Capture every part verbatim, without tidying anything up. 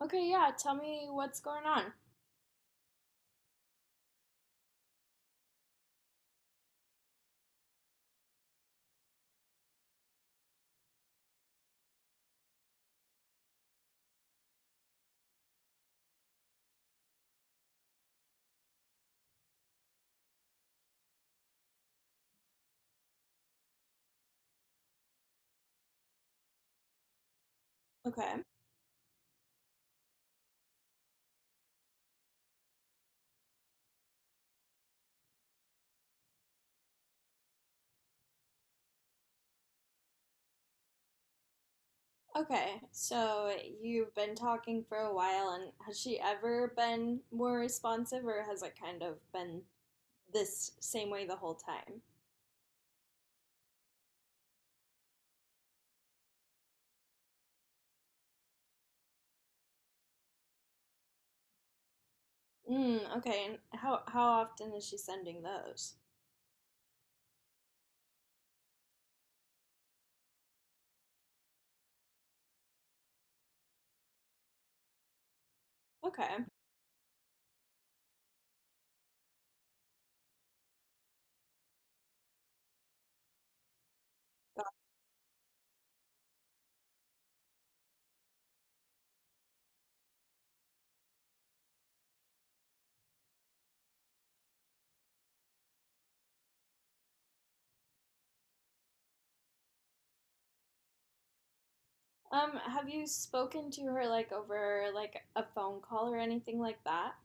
Okay, yeah, tell me what's going on. Okay. Okay, so you've been talking for a while, and has she ever been more responsive, or has it kind of been this same way the whole time? Mm, okay, and how how often is she sending those? Okay. Um, have you spoken to her like over like a phone call or anything like that?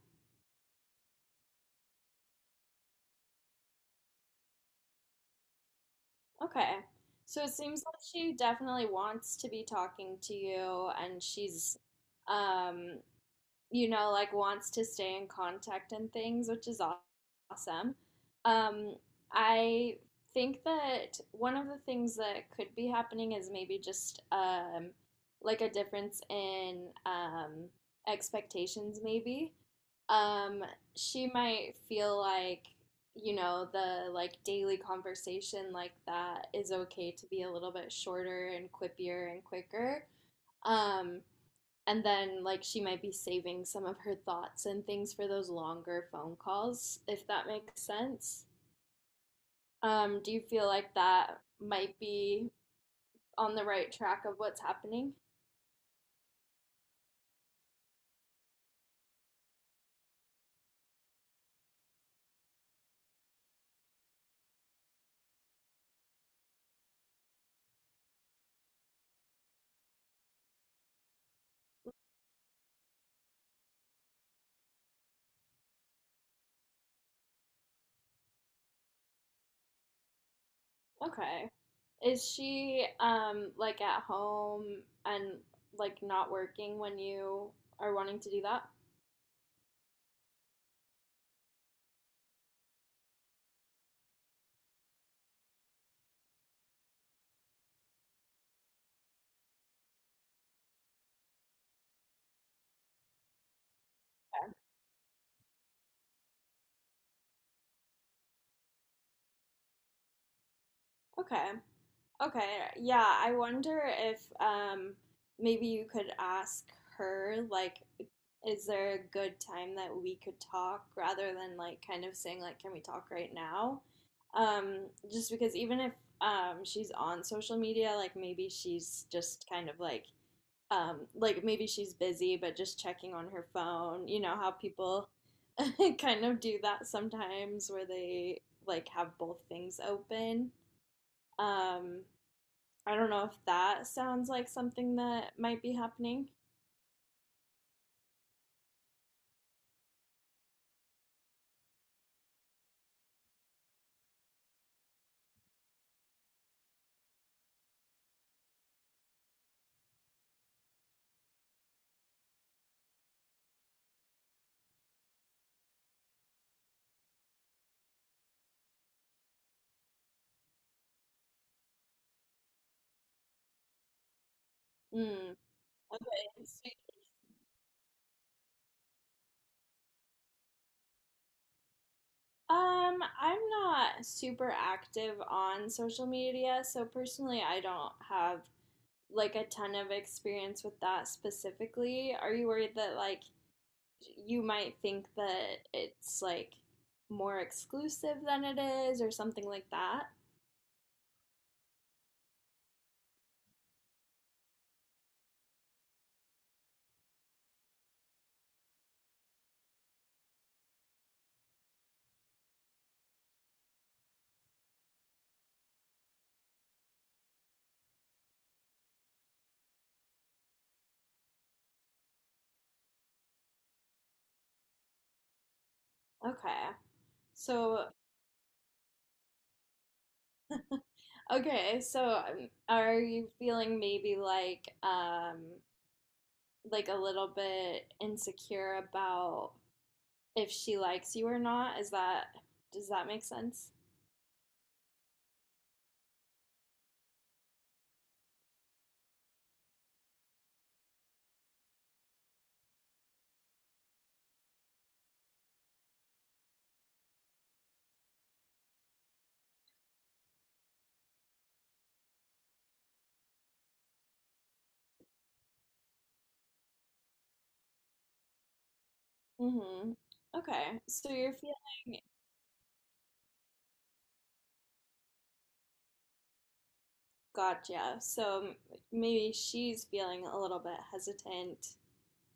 Okay. So it seems like she definitely wants to be talking to you, and she's um you know, like wants to stay in contact and things, which is aw- awesome. Um I think that one of the things that could be happening is maybe just um like a difference in um expectations maybe. Um she might feel like, you know, the like daily conversation like that is okay to be a little bit shorter and quippier and quicker. Um, and then like she might be saving some of her thoughts and things for those longer phone calls, if that makes sense. Um, do you feel like that might be on the right track of what's happening? Okay. Is she um like at home and like not working when you are wanting to do that? Okay. Okay. Okay, yeah, I wonder if um maybe you could ask her like, is there a good time that we could talk rather than like kind of saying like, can we talk right now? Um just because even if um she's on social media, like maybe she's just kind of like um like maybe she's busy but just checking on her phone, you know how people kind of do that sometimes where they like have both things open. Um I don't know if that sounds like something that might be happening. Mm, okay. Sweet. Um, I'm not super active on social media, so personally, I don't have like a ton of experience with that specifically. Are you worried that like you might think that it's like more exclusive than it is or something like that? Okay. So, okay, so um, are you feeling maybe like um like a little bit insecure about if she likes you or not. Is that, does that make sense? Mm-hmm. Okay. So you're feeling, gotcha. So maybe she's feeling a little bit hesitant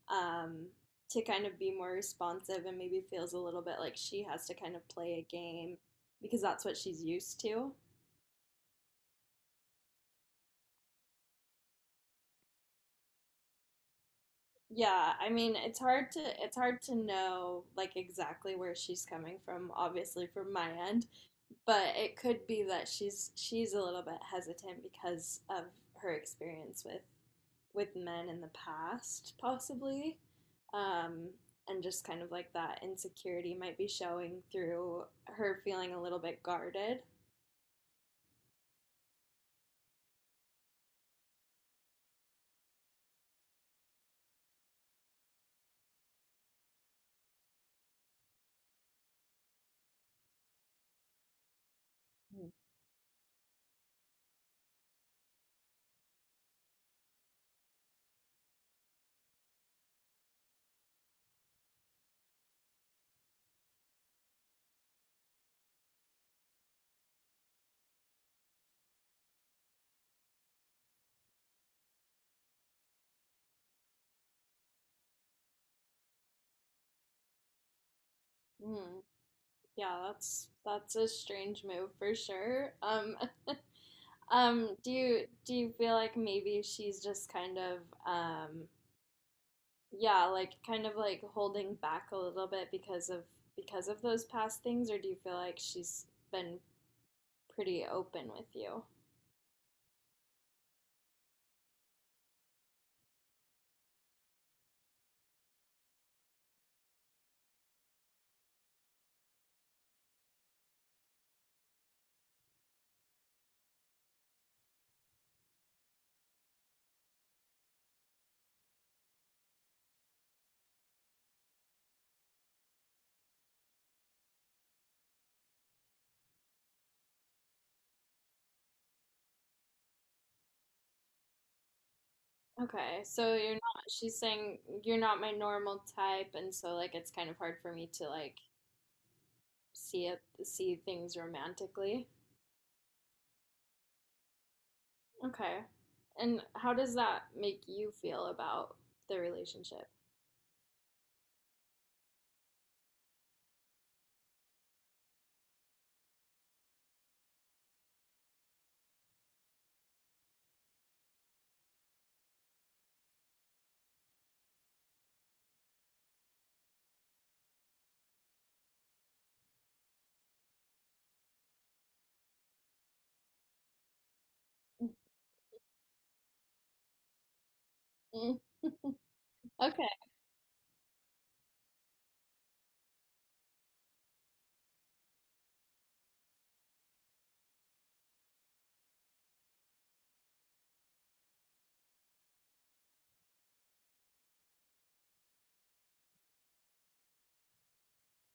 um to kind of be more responsive, and maybe feels a little bit like she has to kind of play a game because that's what she's used to. Yeah, I mean, it's hard to it's hard to know like exactly where she's coming from, obviously, from my end, but it could be that she's she's a little bit hesitant because of her experience with with men in the past, possibly, um, and just kind of like that insecurity might be showing through her feeling a little bit guarded. Hmm. Mm, yeah, that's that's a strange move for sure. Um, um, do you do you feel like maybe she's just kind of um, yeah, like kind of like holding back a little bit because of because of those past things, or do you feel like she's been pretty open with you? Okay, so you're not, she's saying you're not my normal type, and so like it's kind of hard for me to like see it, see things romantically. Okay. And how does that make you feel about the relationship? Mm. Okay,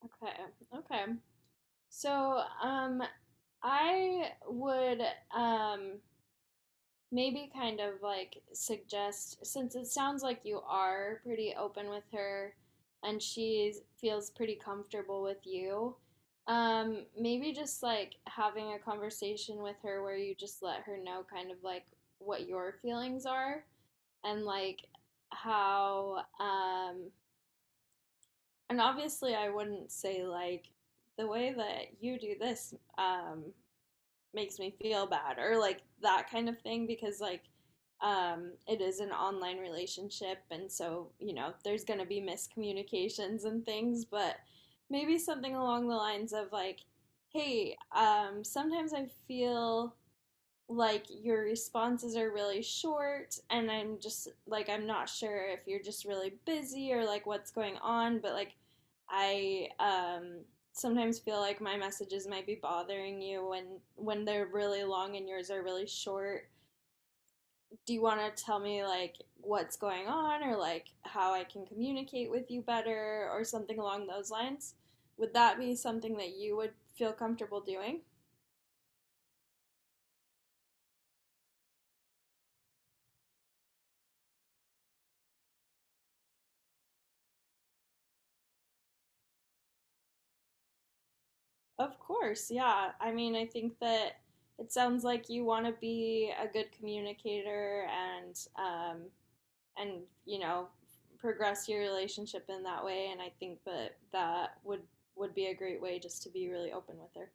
okay, okay. So, um, I would um maybe kind of like suggest, since it sounds like you are pretty open with her and she feels pretty comfortable with you, um, maybe just like having a conversation with her where you just let her know kind of like what your feelings are, and like how um and obviously I wouldn't say like the way that you do this um makes me feel bad or like that kind of thing, because like um it is an online relationship, and so you know there's going to be miscommunications and things, but maybe something along the lines of like, hey, um sometimes I feel like your responses are really short, and I'm just like, I'm not sure if you're just really busy or like what's going on, but like I um sometimes feel like my messages might be bothering you when when they're really long and yours are really short. Do you want to tell me like what's going on, or like how I can communicate with you better, or something along those lines? Would that be something that you would feel comfortable doing? Of course, yeah. I mean, I think that it sounds like you want to be a good communicator, and um, and you know, progress your relationship in that way. And I think that that would would be a great way just to be really open with her.